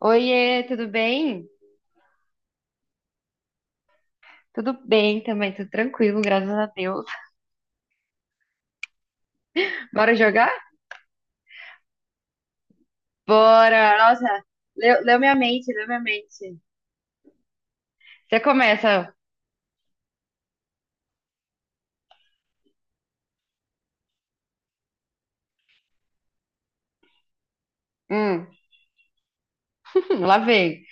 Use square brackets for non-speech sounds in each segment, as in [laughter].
Oiê, tudo bem? Tudo bem também, tudo tranquilo, graças a Deus. Bora jogar? Bora! Nossa, leu minha mente, leu minha mente. Você começa. Hum. [laughs] Lá vem.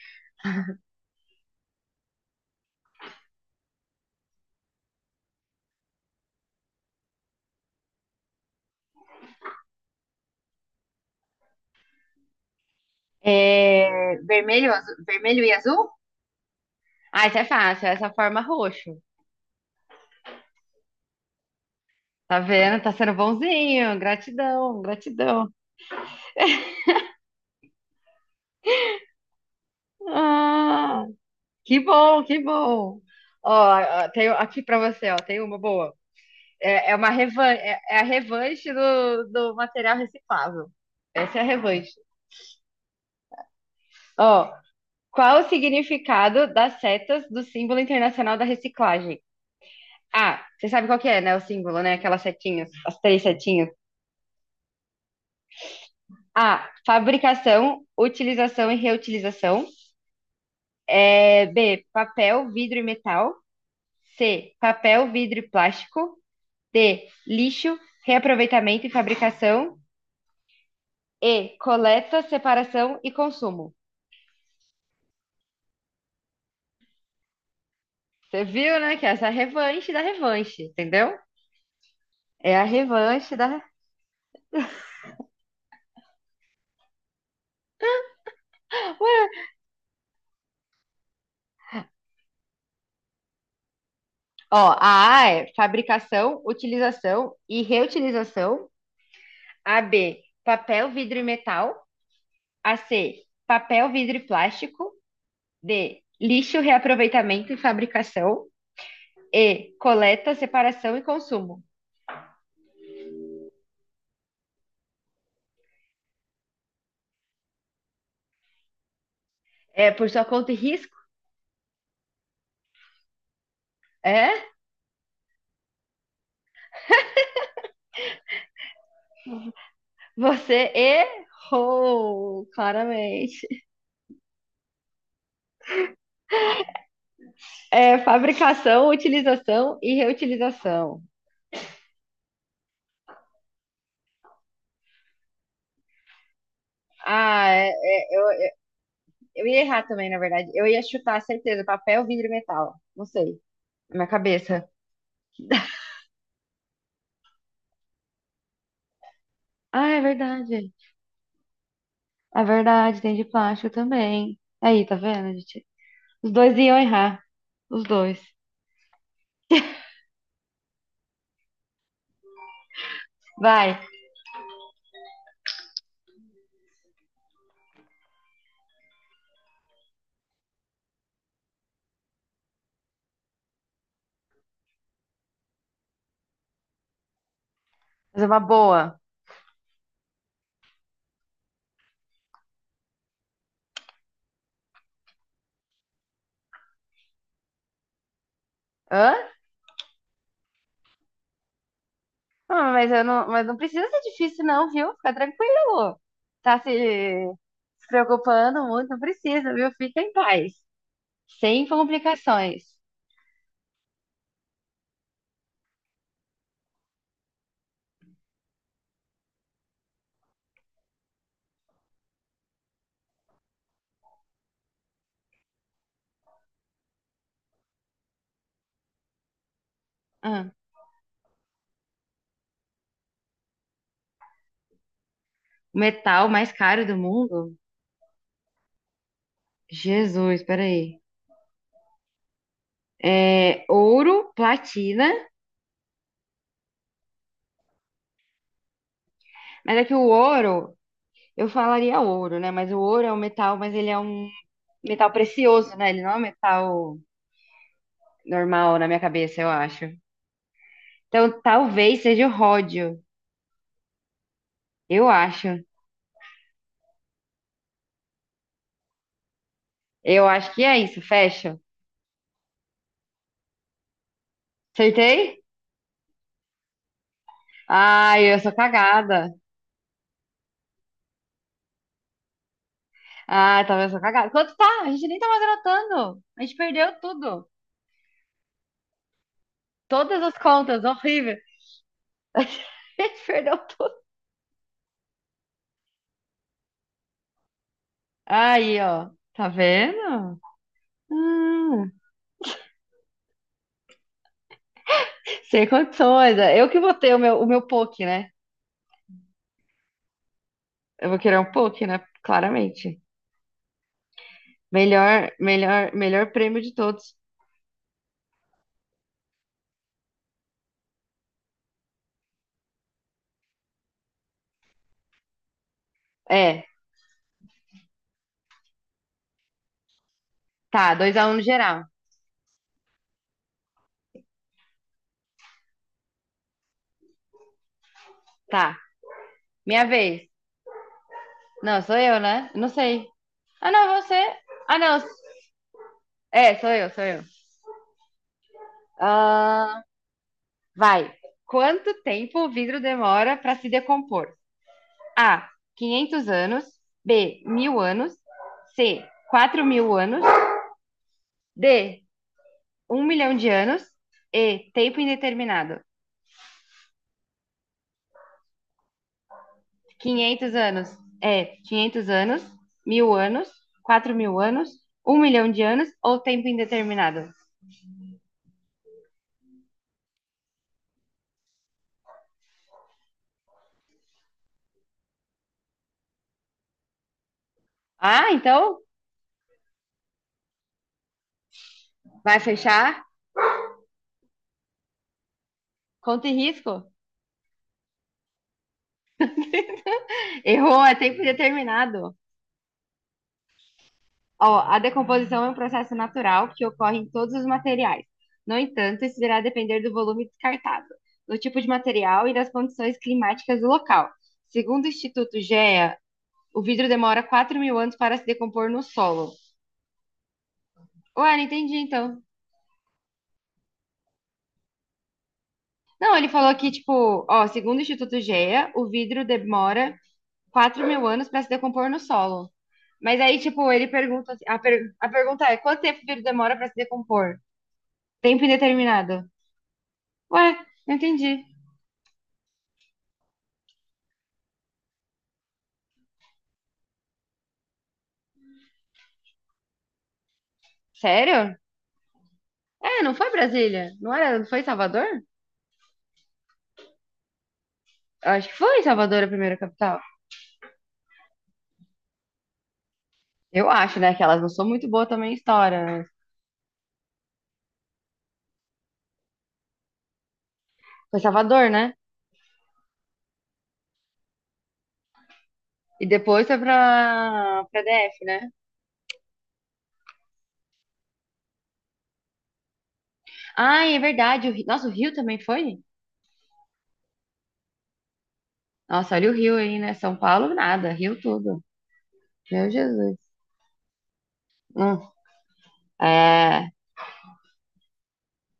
É, vermelho e azul? Ah, isso é fácil, é essa forma roxo. Tá vendo? Tá sendo bonzinho. Gratidão, gratidão. Ah, que bom, que bom. Ó, ó, tenho aqui pra você, ó, tem uma boa. É a revanche do material reciclável. Essa é a revanche. Ó, qual o significado das setas do símbolo internacional da reciclagem? A. Você sabe qual que é, né? O símbolo, né? Aquelas setinhas, as três setinhas. A. Fabricação, utilização e reutilização. É, B. Papel, vidro e metal. C. Papel, vidro e plástico. D. Lixo, reaproveitamento e fabricação. E. Coleta, separação e consumo. Você viu, né? Que essa é a revanche da revanche, entendeu? É a revanche da. Ué, ó, a A é fabricação, utilização e reutilização. A B, papel, vidro e metal. A C, papel, vidro e plástico. D, lixo, reaproveitamento e fabricação. E, coleta, separação e consumo. É por sua conta e risco? É? Você errou, claramente. É fabricação, utilização e reutilização. Ah, é, é, eu ia errar também, na verdade. Eu ia chutar, certeza, papel, vidro e metal. Não sei, na minha cabeça. Ah, é verdade. É verdade, tem de plástico também. Aí, tá vendo, gente? Os dois iam errar. Os dois. Vai, fazer uma boa. Hã? Ah, mas não precisa ser difícil, não, viu? Fica tranquilo. Tá se preocupando muito, não precisa, viu? Fica em paz. Sem complicações. Ah, o metal mais caro do mundo? Jesus, peraí. É ouro, platina, mas é que o ouro, eu falaria ouro, né? Mas o ouro é um metal, mas ele é um metal precioso, né? Ele não é um metal normal na minha cabeça, eu acho. Então talvez seja o ródio, eu acho. Eu acho que é isso, fecha. Acertei? Ai, eu sou cagada. Ah, talvez eu sou cagada. Quanto tá? A gente nem tá mais anotando. A gente perdeu tudo. Todas as contas, horrível. [laughs] A gente perdeu tudo. Aí, ó. Tá vendo? Hum, sem condições. É. Eu que vou ter o meu poke, né? Eu vou querer um poke, né? Claramente. Melhor, melhor, melhor prêmio de todos. É, tá, 2 a 1 no geral. Tá, minha vez. Não, sou eu, né? Não sei. Ah, não, você. Ah, não. É, sou eu, sou eu. Ah, vai. Quanto tempo o vidro demora para se decompor? A. 500 anos. B. Mil anos. C. 4 mil anos. D. Um milhão de anos e tempo indeterminado. Quinhentos anos é 500 anos, mil anos, 4 mil anos, um milhão de anos ou tempo indeterminado. Ah, então vai fechar? Conta e risco. [laughs] Errou, é tempo indeterminado. Ó, a decomposição é um processo natural que ocorre em todos os materiais. No entanto, isso irá depender do volume descartado, do tipo de material e das condições climáticas do local. Segundo o Instituto GEA, o vidro demora 4 mil anos para se decompor no solo. Ué, não entendi então. Não, ele falou que, tipo, ó, segundo o Instituto GEA, o vidro demora 4 mil anos para se decompor no solo. Mas aí, tipo, ele pergunta, a pergunta é, quanto tempo o vidro demora para se decompor? Tempo indeterminado. Ué, não entendi. Sério? É, não foi Brasília? Não foi Salvador? Eu acho que foi Salvador a primeira capital. Eu acho, né, que elas não são muito boas também em história, mas foi Salvador, né? E depois foi pra, DF, né? Ah, é verdade. O Rio, nossa, o Rio também foi? Nossa, olha o Rio aí, né? São Paulo, nada. Rio tudo. Meu Jesus. Hum. É.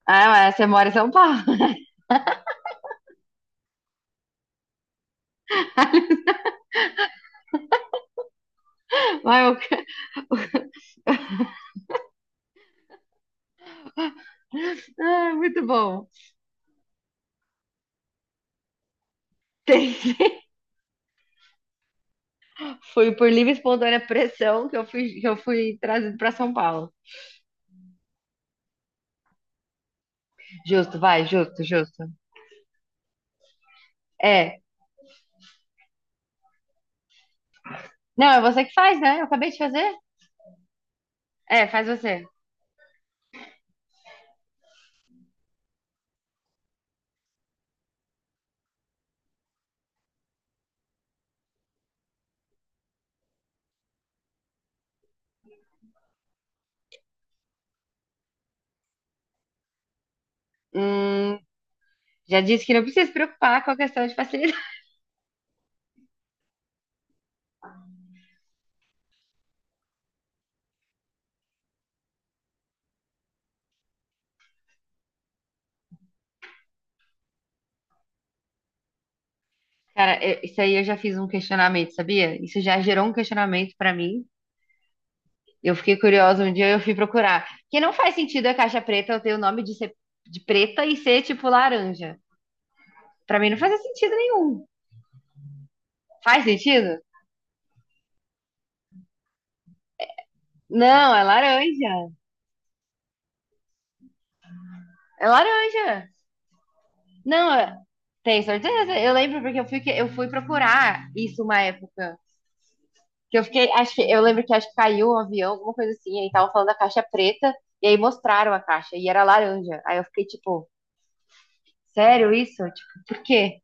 Ah, é, mas você mora em São Paulo. [laughs] Mas eu- Ah, muito bom. Tem- [laughs] Foi por livre e espontânea pressão que eu fui trazido pra São Paulo. Justo, vai, justo, justo. É. Não, é você que faz, né? Eu acabei de fazer. É, faz você. Hum, já disse que não precisa se preocupar com a questão de facilidade. Cara, isso aí eu já fiz um questionamento, sabia? Isso já gerou um questionamento pra mim. Eu fiquei curiosa um dia, eu fui procurar. Que não faz sentido a caixa preta eu ter o nome de ser de preta e ser tipo laranja. Pra mim não faz sentido nenhum. Faz sentido? Não, é laranja. É laranja. Não, tem certeza? Eu lembro porque eu fui procurar isso uma época. Que eu fiquei, acho que eu lembro que acho que caiu um avião, alguma coisa assim, aí estavam falando da caixa preta e aí mostraram a caixa e era laranja. Aí eu fiquei tipo, sério isso? Tipo, por quê?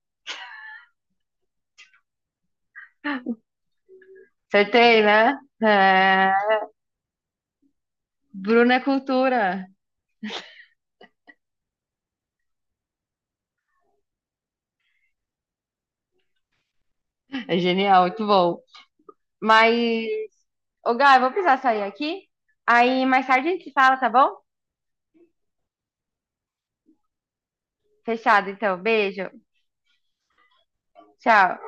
Acertei, né? É, Bruna é cultura. É genial, muito bom. Mas, ô Gá, eu vou precisar sair aqui. Aí mais tarde a gente se fala, tá bom? Fechado, então. Beijo. Tchau.